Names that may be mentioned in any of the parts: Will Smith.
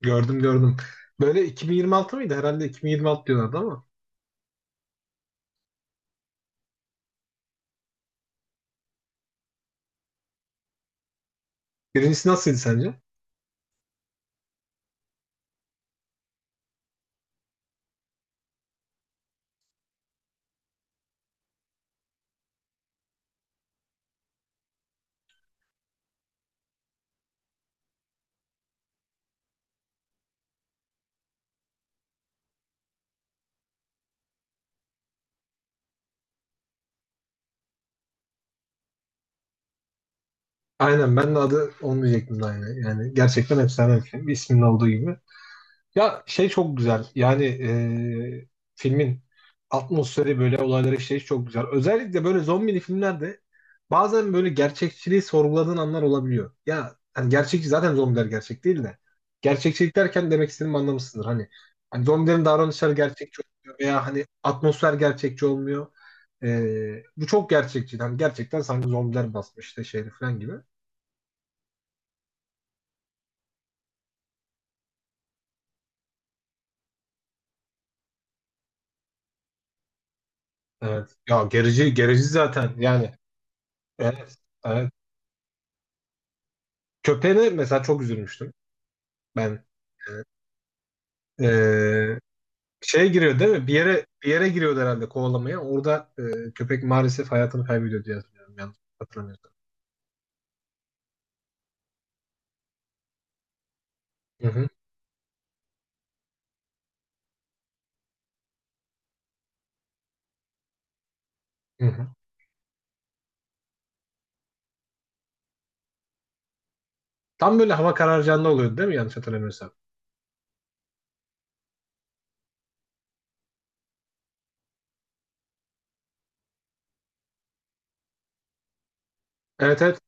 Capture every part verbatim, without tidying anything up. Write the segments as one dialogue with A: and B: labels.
A: Gördüm gördüm. Böyle iki bin yirmi altı mıydı? Herhalde iki bin yirmi altı diyorlardı ama. Birincisi nasıldı sence? Aynen ben de adı onu diyecektim de aynı. Yani gerçekten efsane bir film. İsminin olduğu gibi. Ya şey çok güzel. Yani eee, filmin atmosferi böyle olayları işleyiş çok güzel. Özellikle böyle zombili filmlerde bazen böyle gerçekçiliği sorguladığın anlar olabiliyor. Ya hani gerçekçi zaten, zombiler gerçek değil de. Gerçekçilik derken demek istediğimi anlamışsındır. Hani, hani zombilerin davranışları gerçekçi olmuyor veya hani atmosfer gerçekçi olmuyor. Ee, bu çok gerçekçi. Hani gerçekten sanki zombiler basmış işte şeyde falan gibi. Evet. Ya gerici gerici zaten. Yani evet. evet. Köpeğine mesela çok üzülmüştüm ben. Ee, e, Şeye giriyor değil mi? Bir yere bir yere giriyordu herhalde kovalamaya. Orada e, köpek maalesef hayatını kaybediyor diye hatırlıyorum. Yanlış hatırlamıyorsam. Hı hı. Hı hı. Tam böyle hava kararacağında oluyordu değil mi? Yanlış hatırlamıyorsam. Evet evet.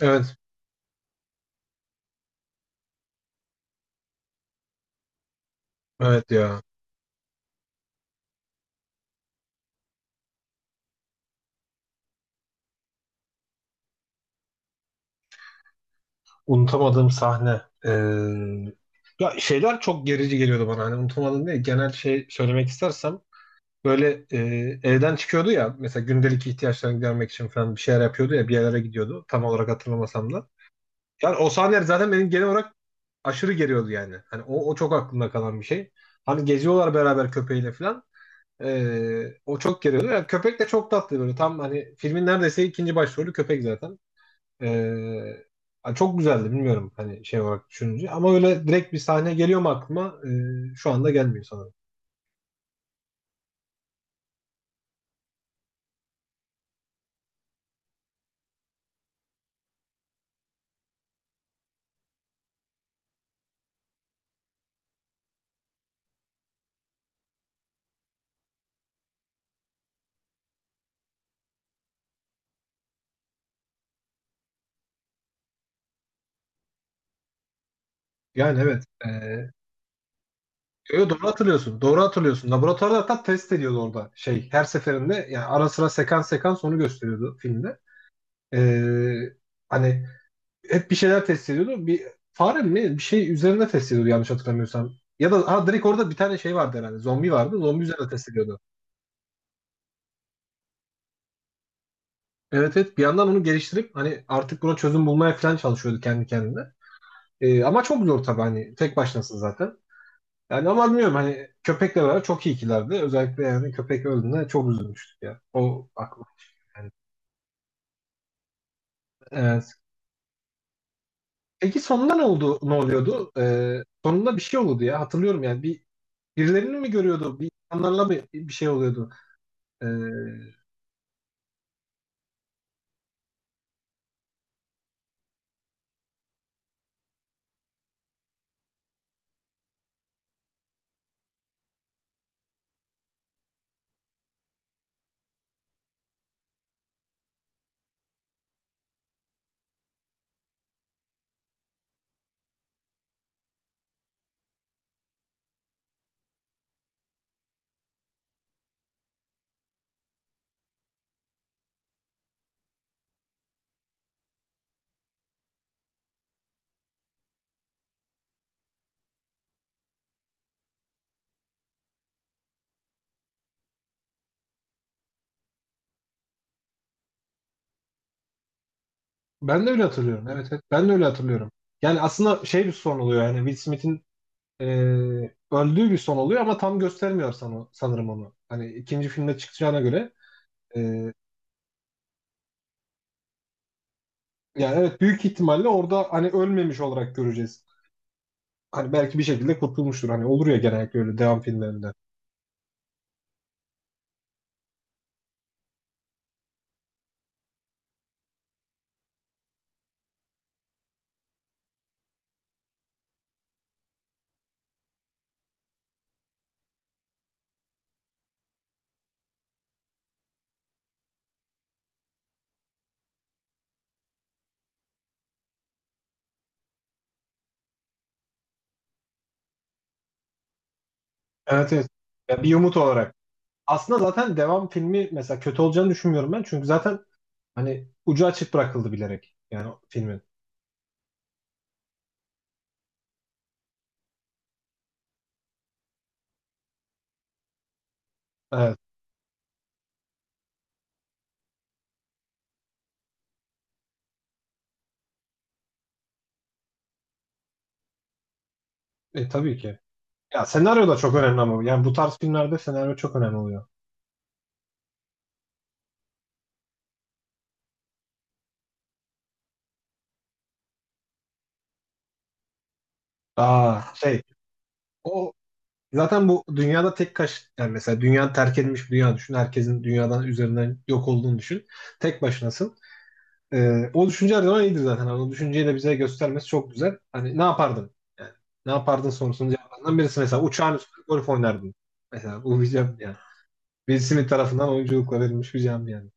A: Evet. Evet ya. Unutamadığım sahne. Ee, ya şeyler çok gerici geliyordu bana. Hani unutamadığım değil. Genel şey söylemek istersem böyle e, evden çıkıyordu ya. Mesela gündelik ihtiyaçlarını gidermek için falan bir şeyler yapıyordu ya. Bir yerlere gidiyordu. Tam olarak hatırlamasam da. Yani o sahneler zaten benim genel olarak aşırı geriyordu yani. Hani o, o çok aklımda kalan bir şey. Hani geziyorlar beraber köpeğiyle falan. Ee, o çok geriyordu. Yani köpek de çok tatlı böyle. Tam hani filmin neredeyse ikinci başrolü köpek zaten. Ee, Çok güzeldi, bilmiyorum hani şey olarak düşününce. Ama öyle direkt bir sahne geliyor mu aklıma? Ee, şu anda gelmiyor sanırım. Yani evet. Ee, yo, yo, doğru hatırlıyorsun. Doğru hatırlıyorsun. Laboratuvarda hatta test ediyordu orada şey. Her seferinde yani ara sıra sekans sekans onu gösteriyordu filmde. Ee, Hani hep bir şeyler test ediyordu. Bir fare mi? Bir şey üzerinde test ediyordu yanlış hatırlamıyorsam. Ya da ha, direkt orada bir tane şey vardı herhalde. Zombi vardı. Zombi üzerinde test ediyordu. Evet evet, bir yandan onu geliştirip hani artık buna çözüm bulmaya falan çalışıyordu kendi kendine. Ee, ama çok zor tabii, hani tek başınasın zaten. Yani ama bilmiyorum, hani köpekle beraber çok iyi ikilerdi. Özellikle yani köpek öldüğünde çok üzülmüştük ya. O aklıma geldi. Evet. Peki sonunda ne oldu? Ne oluyordu? Ee, sonunda bir şey oluyordu ya. Hatırlıyorum yani bir birilerini mi görüyordu? Bir insanlarla bir, bir şey oluyordu. Ee, Ben de öyle hatırlıyorum. Evet, evet. Ben de öyle hatırlıyorum. Yani aslında şey, bir son oluyor yani Will Smith'in e, öldüğü bir son oluyor ama tam göstermiyor sana sanırım onu. Hani ikinci filmde çıkacağına göre. e, Yani evet, büyük ihtimalle orada hani ölmemiş olarak göreceğiz. Hani belki bir şekilde kurtulmuştur. Hani olur ya, genellikle öyle devam filmlerinde. Evet evet. Ya bir umut olarak. Aslında zaten devam filmi mesela kötü olacağını düşünmüyorum ben. Çünkü zaten hani ucu açık bırakıldı bilerek. Yani o filmin. Evet. E, tabii ki. Ya senaryo da çok önemli ama. Yani bu tarz filmlerde senaryo çok önemli oluyor. Aa şey. O zaten bu dünyada tek kaç yani, mesela dünya terk edilmiş bir dünya düşün. Herkesin dünyadan üzerinden yok olduğunu düşün. Tek başınasın. Ee, o düşünce her zaman iyidir zaten. Hani o düşünceyi de bize göstermesi çok güzel. Hani ne yapardın? Yani, ne yapardın sorusunun cevabından birisi mesela uçağın üstünde golf oynardın. Mesela bu bir cevap yani. Will Smith tarafından oyunculukla verilmiş bir cevap yani.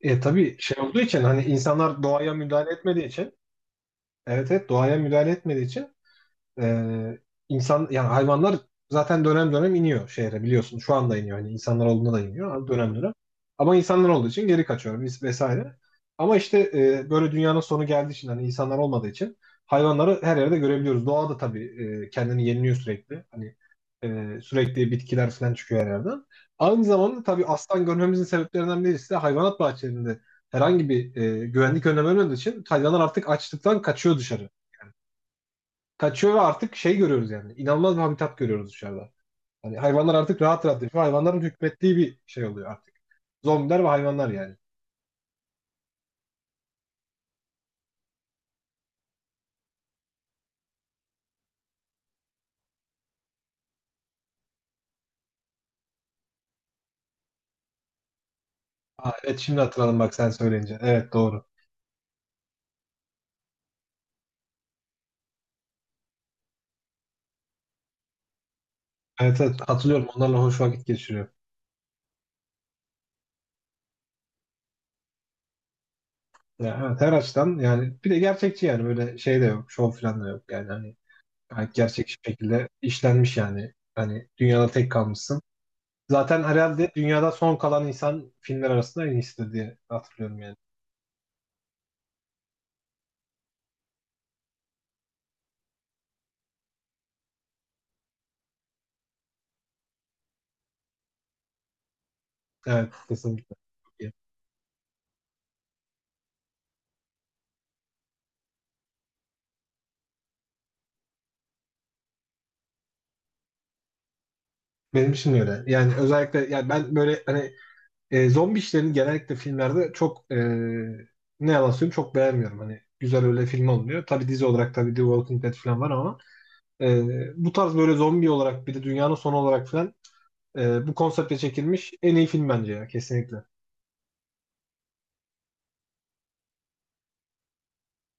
A: E tabii şey olduğu için, hani insanlar doğaya müdahale etmediği için, evet evet, doğaya müdahale etmediği için, Ee, insan yani hayvanlar zaten dönem dönem iniyor şehre, biliyorsun. Şu anda iniyor. Hani insanlar olduğunda da iniyor ama dönem dönem. Ama insanlar olduğu için geri kaçıyor biz vesaire. Ama işte e, böyle dünyanın sonu geldiği için, hani insanlar olmadığı için hayvanları her yerde görebiliyoruz. Doğa da tabii e, kendini yeniliyor sürekli. Hani e, sürekli bitkiler falan çıkıyor her yerden. Aynı zamanda tabii aslan görmemizin sebeplerinden birisi de hayvanat bahçelerinde herhangi bir e, güvenlik önlemi olmadığı için hayvanlar artık açlıktan kaçıyor, dışarı kaçıyor ve artık şey görüyoruz yani. İnanılmaz bir habitat görüyoruz dışarıda. Hani hayvanlar artık rahat rahat yaşıyor. Hayvanların hükmettiği bir şey oluyor artık. Zombiler ve hayvanlar yani. Aa, evet şimdi hatırladım bak sen söyleyince. Evet doğru. Evet, evet, hatırlıyorum, onlarla hoş vakit geçiriyor. Ya, evet, her açıdan yani, bir de gerçekçi yani, böyle şey de yok. Şov falan da yok yani. Hani gayet gerçek şekilde işlenmiş yani. Hani dünyada tek kalmışsın. Zaten herhalde dünyada son kalan insan filmler arasında en iyisi diye hatırlıyorum yani. Evet kesinlikle. Benim için de öyle. Yani özellikle yani ben böyle hani e, zombi işlerini genellikle filmlerde çok e, ne yalan söyleyeyim, çok beğenmiyorum. Hani güzel öyle film olmuyor. Tabii dizi olarak tabii The Walking Dead falan var ama e, bu tarz böyle zombi olarak bir de dünyanın sonu olarak falan e, bu konseptle çekilmiş en iyi film bence ya, kesinlikle.